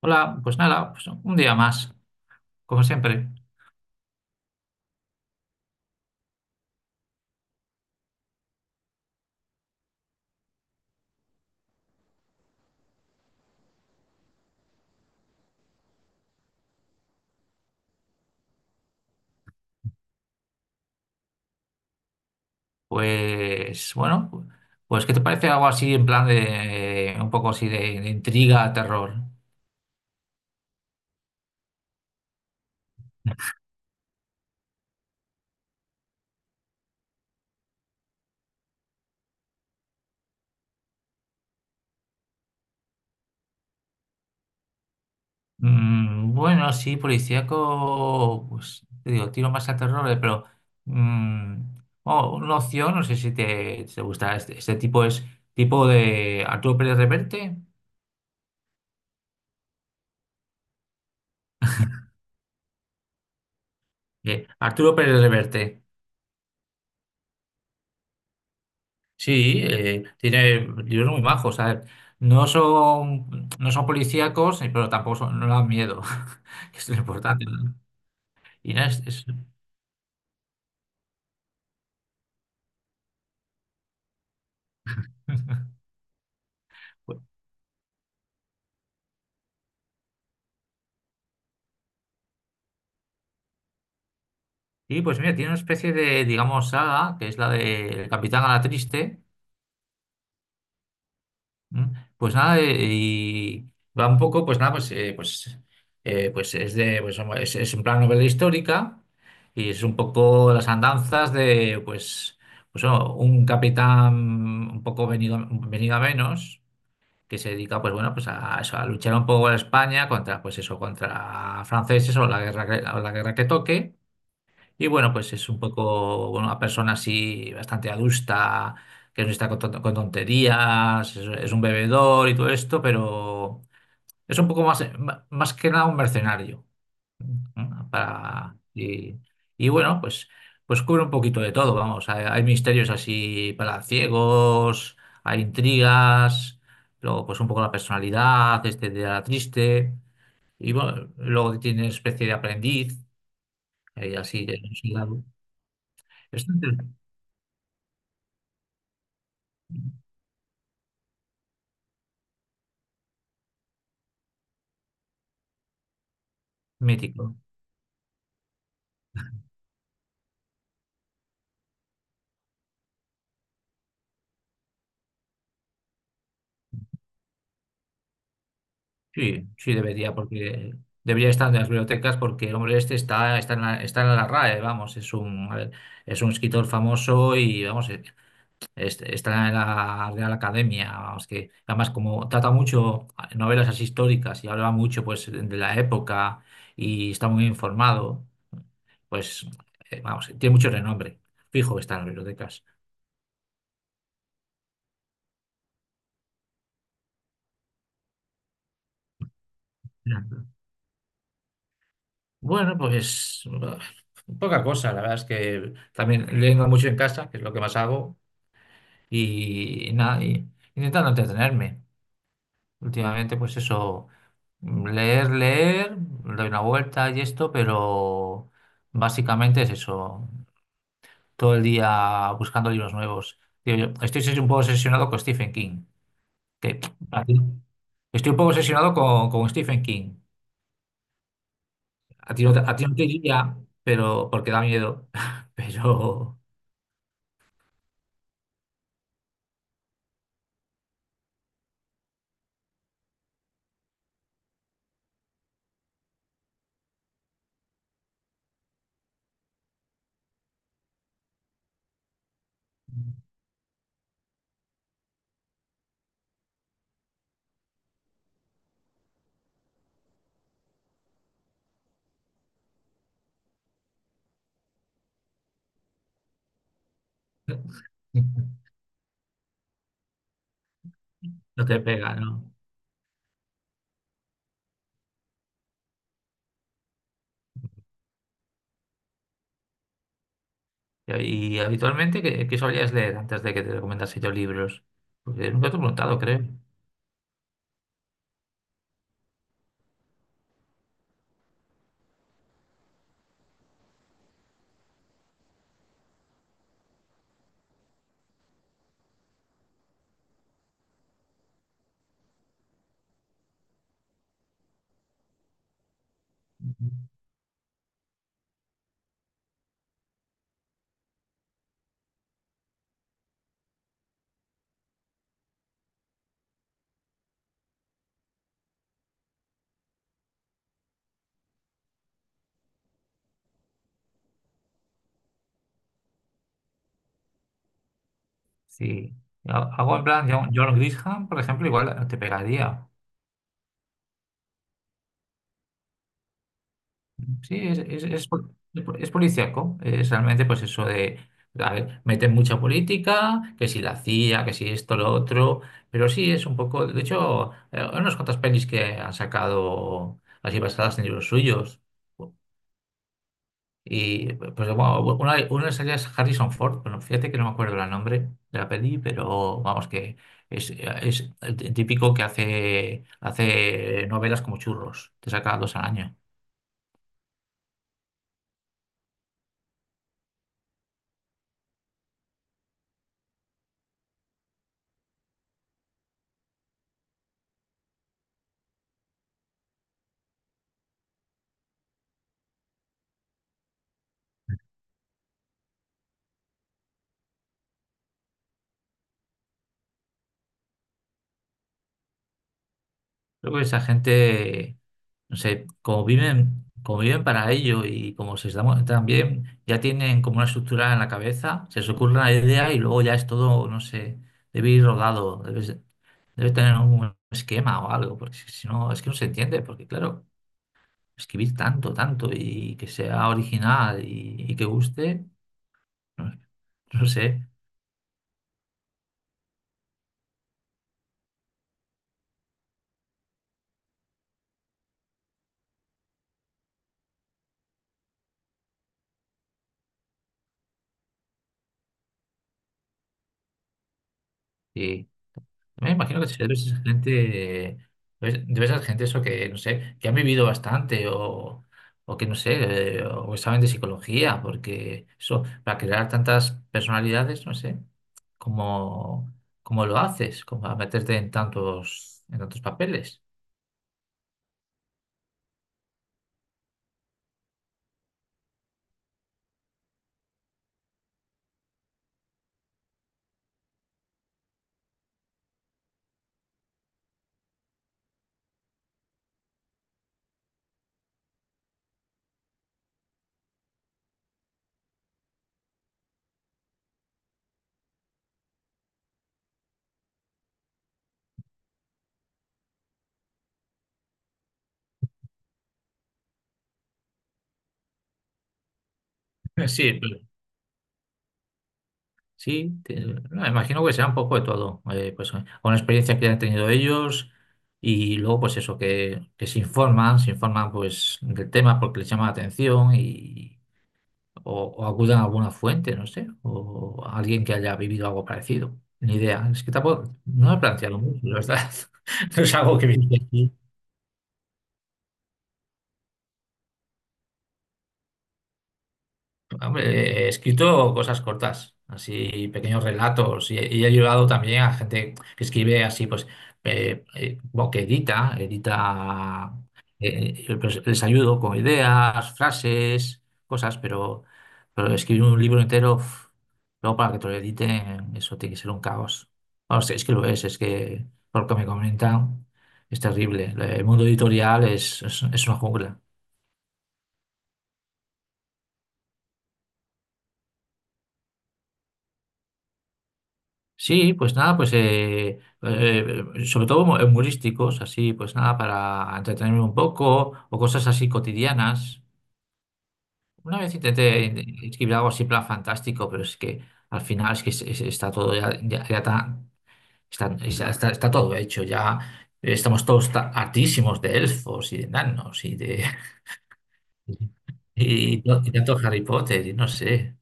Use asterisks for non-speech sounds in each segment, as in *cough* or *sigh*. Hola, pues nada, pues un día más, como siempre. Pues bueno, pues ¿qué te parece algo así en plan de un poco así de intriga, terror? Bueno, sí, policíaco, pues te digo, tiro más a terror, pero mm, oh, una opción, no sé si te gusta este tipo es tipo de Arturo Pérez Reverte. Arturo Pérez Reverte. Sí, tiene libros muy majos, a ver, no son policíacos, pero tampoco no dan miedo, *laughs* que es lo importante, ¿no? Y nada, *laughs* pues- Y pues mira, tiene una especie de, digamos, saga, que es la de El Capitán Ala Triste. Pues nada, y va un poco, pues nada, pues hombre, es en plan novela histórica y es un poco las andanzas de, pues, pues bueno, un capitán un poco venido a menos que se dedica, pues bueno, pues a, eso, a luchar un poco en España contra, pues eso, contra franceses o la guerra o la guerra que toque. Y bueno, pues es un poco bueno, una persona así bastante adusta, que no está con tonterías. Es un bebedor y todo esto, pero es un poco más, más que nada un mercenario, ¿no? Para, y bueno, pues, pues cubre un poquito de todo, vamos. Hay misterios así para ciegos, hay intrigas, luego pues un poco la personalidad, este de la triste, y bueno, luego tiene especie de aprendiz, así de... Mítico. Sí, sí debería, porque debería estar en las bibliotecas porque el hombre este está, está está en la RAE, vamos, es un, a ver, es un escritor famoso y vamos, está en la Real Academia, vamos, que además como trata mucho novelas así históricas y habla mucho pues de la época y está muy informado, pues vamos, tiene mucho renombre. Fijo que está en las bibliotecas. Bueno, pues bah, poca cosa, la verdad es que también leyendo mucho en casa, que es lo que más hago, y, nada, y intentando entretenerme. Últimamente, pues eso, leer, doy una vuelta y esto, pero básicamente es eso, todo el día buscando libros nuevos. Tío, yo estoy un poco obsesionado con Stephen King, que a ti- estoy un poco obsesionado con Stephen King. A ti no te diría, pero porque da miedo, *laughs* pero... No te pega, ¿no? Y habitualmente, ¿qué solías leer antes de que te recomendase yo libros? Porque nunca te he preguntado, creo. Sí. Algo en plan, John Grisham, por ejemplo, igual te pegaría. Sí, es es policíaco. Es realmente, pues eso de, a ver, meten mucha política, que si la CIA, que si esto, lo otro. Pero sí, es un poco. De hecho, hay unas cuantas pelis que han sacado así basadas en libros suyos. Y pues bueno, una de esas ya es Harrison Ford, bueno, fíjate que no me acuerdo el nombre de la peli, pero vamos que es el típico que hace novelas como churros, te saca dos al año. Creo que esa gente, no sé, como viven para ello y como se están también ya tienen como una estructura en la cabeza, se les ocurre una idea y luego ya es todo, no sé, debe ir rodado, debe, debe tener un esquema o algo, porque si no, es que no se entiende, porque claro, escribir tanto y que sea original y que guste, no, *laughs* no sé. Y me imagino que debe ser gente, debe ser gente eso que, no sé, que han vivido bastante o que no sé, o que saben de psicología, porque eso, para crear tantas personalidades, no sé, cómo, cómo lo haces, cómo a meterte en tantos papeles. *laughs* Sí, sí, no, me imagino que será un poco de todo, pues con la experiencia que han tenido ellos y luego pues eso, que se informan pues del tema porque les llama la atención y o acudan a alguna fuente, no sé, o a alguien que haya vivido algo parecido. Ni idea, es que tampoco, no he planteado mucho, la verdad. *laughs* No es algo que viene aquí. Hombre, he escrito cosas cortas, así pequeños relatos, y, he ayudado también a gente que escribe así, pues, bueno, que edita, pues, les ayudo con ideas, frases, cosas, pero escribir un libro entero, uf, luego para que te lo editen, eso tiene que ser un caos. Bueno, es que lo es que por lo que me comentan, es terrible. El mundo editorial es, es una jungla. Sí, pues nada, sobre todo humorísticos, así, pues nada, para entretenerme un poco, o cosas así cotidianas. Una vez intenté escribir algo así, en plan fantástico, pero es que al final es que está todo ya, ya está todo hecho, ya estamos todos hartísimos de elfos y de enanos y de, *laughs* y, y tanto Harry Potter y no sé.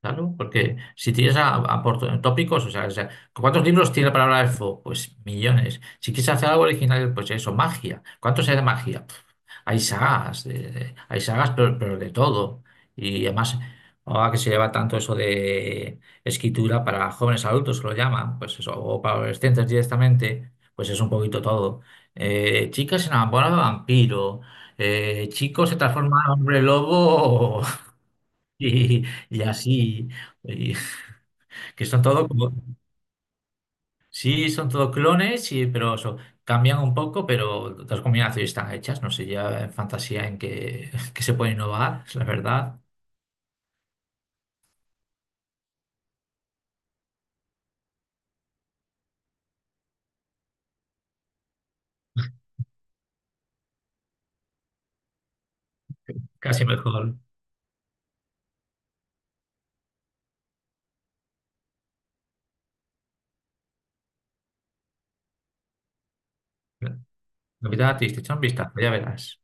Claro, porque si tienes a por tópicos, o sea, ¿cuántos libros tiene la palabra elfo? Pues millones. Si quieres hacer algo original, pues eso, magia. ¿Cuántos hay de magia? Pf, hay sagas, hay sagas, pero de todo. Y además, ahora que se lleva tanto eso de escritura para jóvenes adultos, que lo llaman, pues eso, o para adolescentes directamente, pues es un poquito todo. Chicas se enamoran de vampiro, chicos se transforman en hombre lobo y, y así, y- que son todo como, sí, son todo clones, y, pero eso, cambian un poco, pero las combinaciones están hechas, no sé, ya en fantasía en que, *laughs* que se puede innovar, la verdad, casi mejor. Navidad, te echa un vistazo, ya verás.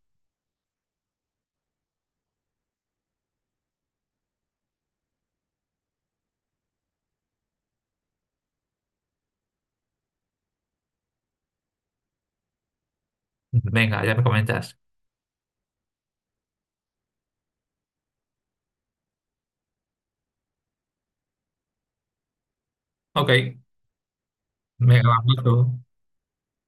Venga, ya me comentas. Ok, venga, un abrazo.